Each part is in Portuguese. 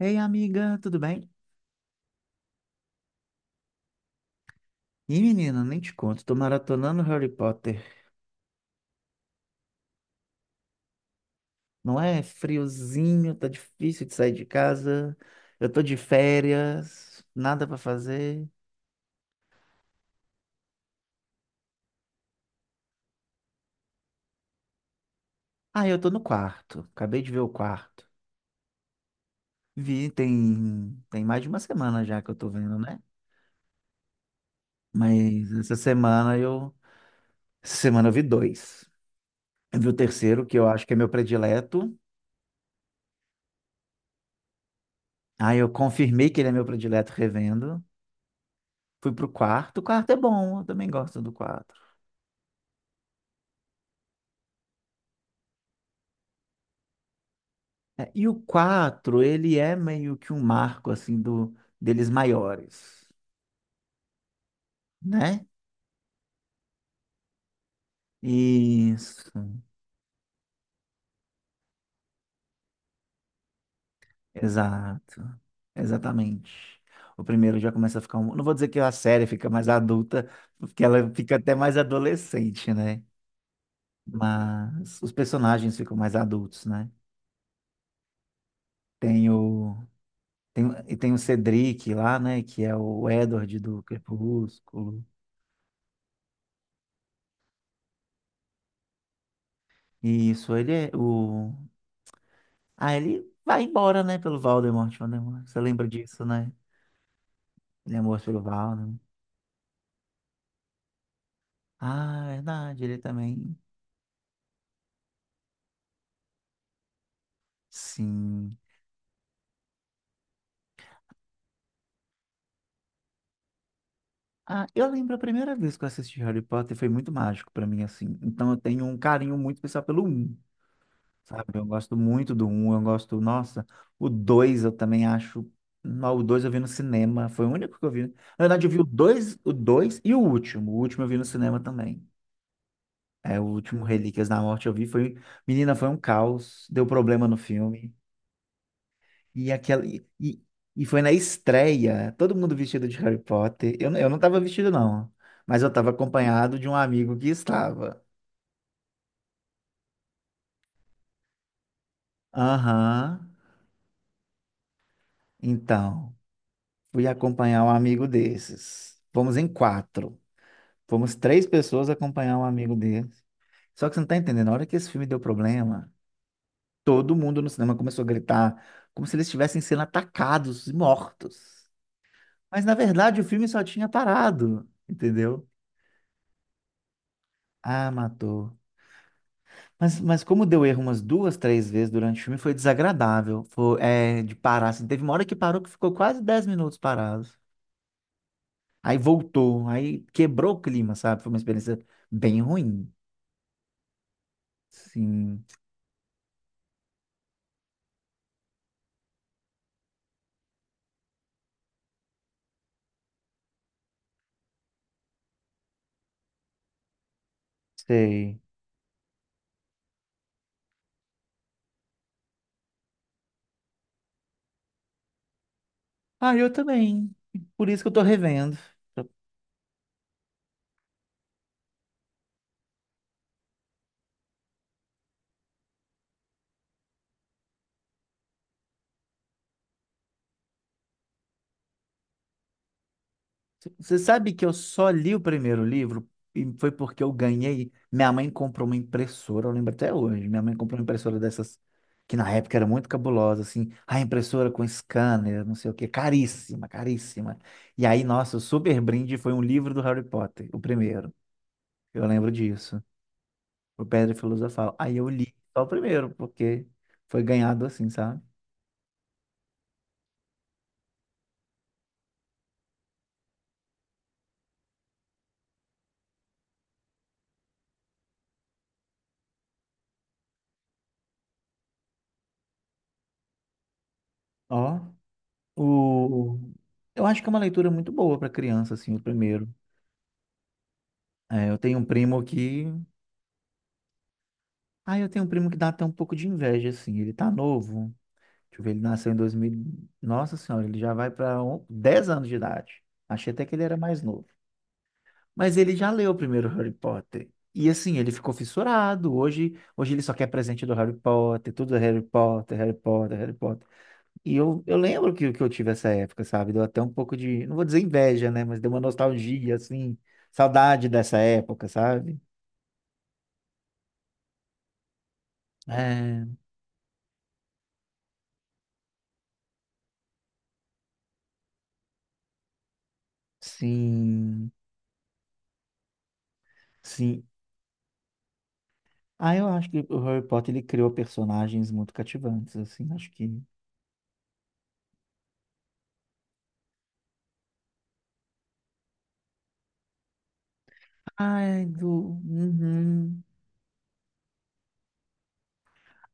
Ei, amiga, tudo bem? Ih, menina, nem te conto, tô maratonando Harry Potter. Não é friozinho, tá difícil de sair de casa. Eu tô de férias, nada pra fazer. Ah, eu tô no quarto. Acabei de ver o quarto. Vi, tem mais de uma semana já que eu tô vendo, né? Mas essa semana eu, Essa semana eu vi dois. Eu vi o terceiro, que eu acho que é meu predileto. Aí eu confirmei que ele é meu predileto revendo. Fui pro quarto. O quarto é bom, eu também gosto do quarto. É, e o 4 ele é meio que um marco, assim, deles maiores, né? Isso, exato, exatamente. O primeiro já começa a ficar um. Não vou dizer que a série fica mais adulta, porque ela fica até mais adolescente, né? Mas os personagens ficam mais adultos, né? Tem o... tem o Cedric lá, né? Que é o Edward do Crepúsculo. Isso, ele é o. Aí ele vai embora, né, pelo Voldemort. Voldemort. Você lembra disso, né? Ele é morto pelo Voldemort. Ah, é verdade, ele também. Sim. Ah, eu lembro a primeira vez que eu assisti Harry Potter foi muito mágico pra mim, assim. Então eu tenho um carinho muito especial pelo um, sabe? Eu gosto muito do um. Eu gosto, nossa, o 2 eu também acho. Não, o 2 eu vi no cinema, foi o único que eu vi. Na verdade, eu vi o dois e o último. O último eu vi no cinema também. É, o último Relíquias da Morte eu vi foi. Menina, foi um caos, deu problema no filme. E aquela. E foi na estreia, todo mundo vestido de Harry Potter. Eu não tava vestido, não. Mas eu tava acompanhado de um amigo que estava. Aham. Então, fui acompanhar um amigo desses. Fomos em quatro. Fomos três pessoas acompanhar um amigo desses. Só que você não tá entendendo, na hora que esse filme deu problema, todo mundo no cinema começou a gritar como se eles estivessem sendo atacados e mortos. Mas na verdade o filme só tinha parado, entendeu? Ah, matou. Mas como deu erro umas duas, três vezes durante o filme, foi desagradável. Foi, é, de parar, assim. Teve uma hora que parou que ficou quase 10 minutos parado. Aí voltou, aí quebrou o clima, sabe? Foi uma experiência bem ruim. Sim, sei. Ah, eu também. Por isso que eu tô revendo. Você sabe que eu só li o primeiro livro e foi porque eu ganhei. Minha mãe comprou uma impressora, eu lembro até hoje. Minha mãe comprou uma impressora dessas que na época era muito cabulosa, assim, a impressora com scanner, não sei o quê, caríssima, caríssima. E aí, nossa, o super brinde foi um livro do Harry Potter, o primeiro. Eu lembro disso, o Pedra Filosofal. Aí eu li só o primeiro, porque foi ganhado assim, sabe? Ó, o... eu acho que é uma leitura muito boa para criança, assim, o primeiro. É, eu tenho um primo que Ah, eu tenho um primo que dá até um pouco de inveja, assim. Ele tá novo. Deixa eu ver, ele nasceu em 2000. Nossa Senhora, ele já vai para 10 anos de idade. Achei até que ele era mais novo. Mas ele já leu o primeiro Harry Potter. E assim, ele ficou fissurado. Hoje ele só quer presente do Harry Potter, tudo é Harry Potter, Harry Potter, Harry Potter. E eu lembro que eu tive essa época, sabe? Deu até um pouco de, não vou dizer inveja, né? Mas deu uma nostalgia, assim, saudade dessa época, sabe? É, sim. Sim, ah, eu acho que o Harry Potter ele criou personagens muito cativantes, assim, acho que. Ai, do. Uhum.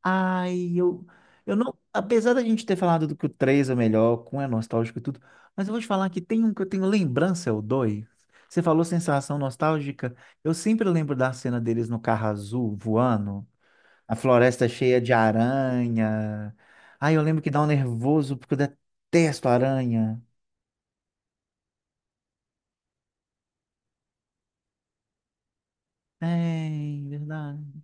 Ai. Eu não. Apesar da gente ter falado do que o 3 é o melhor, com é nostálgico e tudo, mas eu vou te falar que tem um que eu tenho lembrança, é o 2. Você falou sensação nostálgica. Eu sempre lembro da cena deles no carro azul voando, a floresta cheia de aranha. Ai, eu lembro que dá um nervoso porque eu detesto aranha. É, verdade.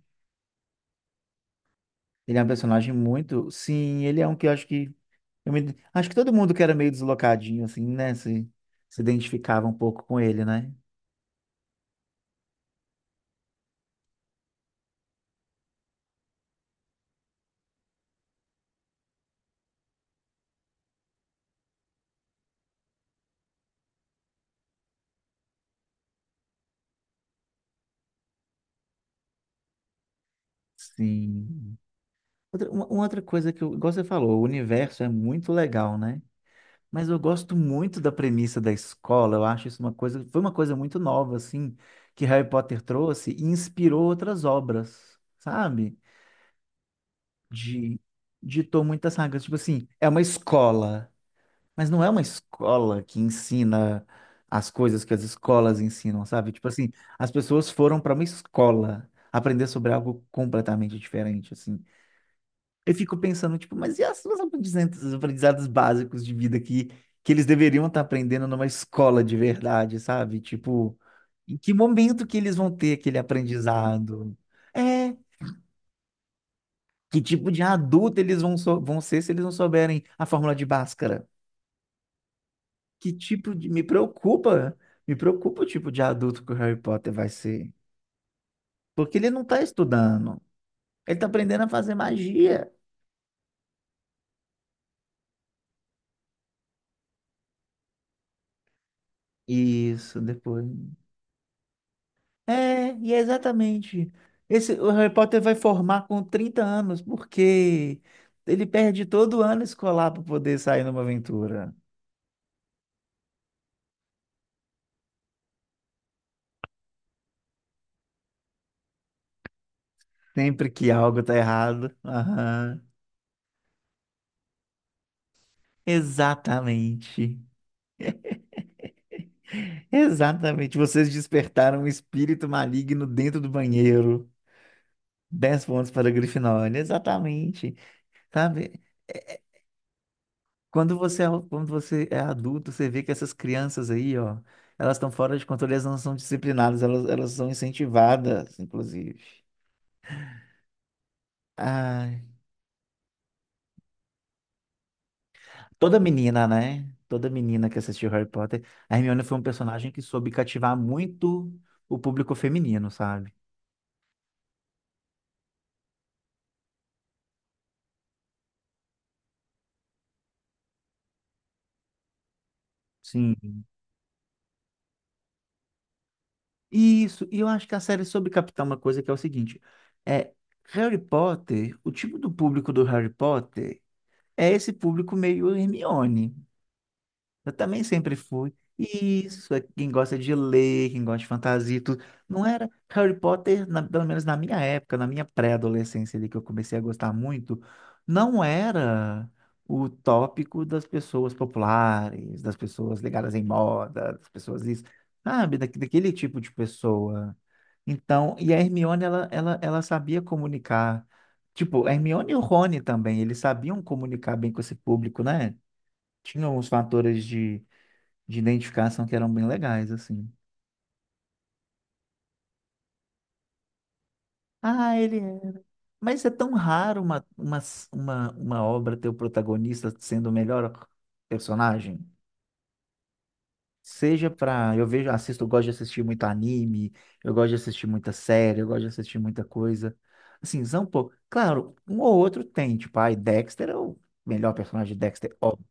Ele é um personagem muito. Sim, ele é um que eu acho que. Acho que todo mundo que era meio deslocadinho, assim, né? Se identificava um pouco com ele, né? Sim. Uma outra coisa que eu. Igual você falou, o universo é muito legal, né? Mas eu gosto muito da premissa da escola. Eu acho isso uma coisa. Foi uma coisa muito nova, assim, que Harry Potter trouxe e inspirou outras obras, sabe? De. Ditou muitas sagas. Tipo assim, é uma escola. Mas não é uma escola que ensina as coisas que as escolas ensinam, sabe? Tipo assim, as pessoas foram para uma escola aprender sobre algo completamente diferente, assim. Eu fico pensando, tipo, mas e as suas aprendizados, os aprendizados básicos de vida que eles deveriam estar aprendendo numa escola de verdade, sabe? Tipo, em que momento que eles vão ter aquele aprendizado? É, que tipo de adulto eles vão ser se eles não souberem a fórmula de Bhaskara? Que tipo de. Me preocupa o tipo de adulto que o Harry Potter vai ser. Porque ele não tá estudando. Ele tá aprendendo a fazer magia. Isso, depois. É, e é exatamente. O Harry Potter vai formar com 30 anos, porque ele perde todo ano escolar para poder sair numa aventura. Sempre que algo tá errado. Aham. Exatamente. Exatamente. Vocês despertaram um espírito maligno dentro do banheiro. 10 pontos para a Grifinória, exatamente. Sabe? Quando você é adulto, você vê que essas crianças aí, ó, elas estão fora de controle, elas não são disciplinadas, elas são incentivadas, inclusive. Ai, toda menina, né? Toda menina que assistiu Harry Potter, a Hermione foi um personagem que soube cativar muito o público feminino, sabe? Sim. Isso, e eu acho que a série soube captar uma coisa que é o seguinte, é Harry Potter, o tipo do público do Harry Potter é esse público meio Hermione. Eu também sempre fui. Isso, é quem gosta de ler, quem gosta de fantasia, e tudo. Não era Harry Potter, pelo menos na minha época, na minha pré-adolescência ali, que eu comecei a gostar muito, não era o tópico das pessoas populares, das pessoas ligadas em moda, das pessoas isso, sabe, daquele tipo de pessoa. Então, e a Hermione, ela sabia comunicar. Tipo, a Hermione e o Rony também, eles sabiam comunicar bem com esse público, né? Tinham uns fatores de identificação que eram bem legais, assim. Ah, ele é. Mas é tão raro uma obra ter o protagonista sendo o melhor personagem. Seja pra. Eu vejo, assisto, eu gosto de assistir muito anime, eu gosto de assistir muita série, eu gosto de assistir muita coisa. Assim, são um pouco. Claro, um ou outro tem, tipo, ai, Dexter é o melhor personagem de Dexter, óbvio.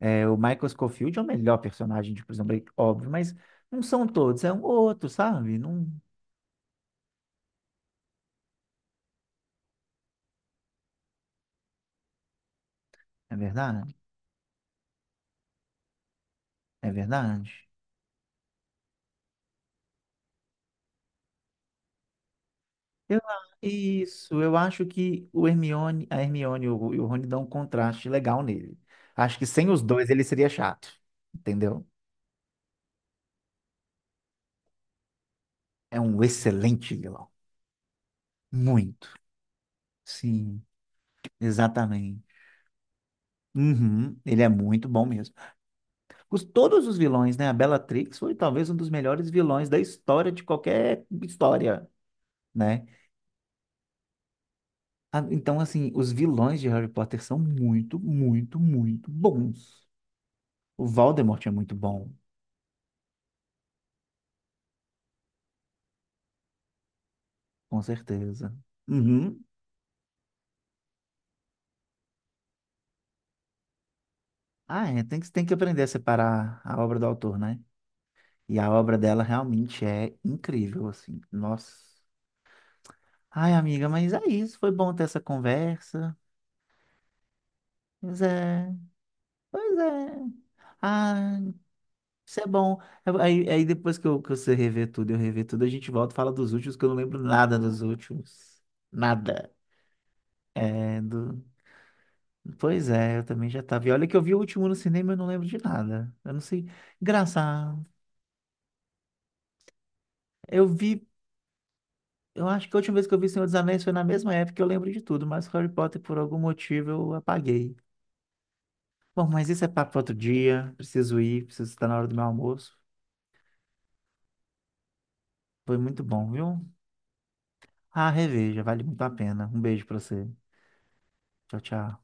É, o Michael Scofield é o melhor personagem de Prison Break, óbvio, mas não são todos, é um ou outro, sabe? Não. É verdade? É verdade. Isso, eu acho que a Hermione e o Rony dão um contraste legal nele. Acho que sem os dois ele seria chato, entendeu? É um excelente vilão. Muito. Sim, exatamente. Uhum, ele é muito bom mesmo. Todos os vilões, né? A Bellatrix foi talvez um dos melhores vilões da história de qualquer história, né? Ah, então, assim, os vilões de Harry Potter são muito, muito, muito bons. O Voldemort é muito bom, com certeza. Uhum. Ah, é, tem que aprender a separar a obra do autor, né? E a obra dela realmente é incrível, assim. Nossa. Ai, amiga, mas é isso. Foi bom ter essa conversa. Pois é, pois é. Ah, isso é bom. Aí depois que você rever tudo, eu rever tudo, a gente volta e fala dos últimos, que eu não lembro nada dos últimos. Nada. É, do... Pois é, eu também já tava. E olha que eu vi o último no cinema e eu não lembro de nada. Eu não sei. Engraçado. Eu vi. Eu acho que a última vez que eu vi Senhor dos Anéis foi na mesma época que eu lembro de tudo, mas Harry Potter, por algum motivo, eu apaguei. Bom, mas isso é papo para outro dia. Preciso ir, preciso estar na hora do meu almoço. Foi muito bom, viu? Ah, reveja, vale muito a pena. Um beijo para você. Tchau, tchau.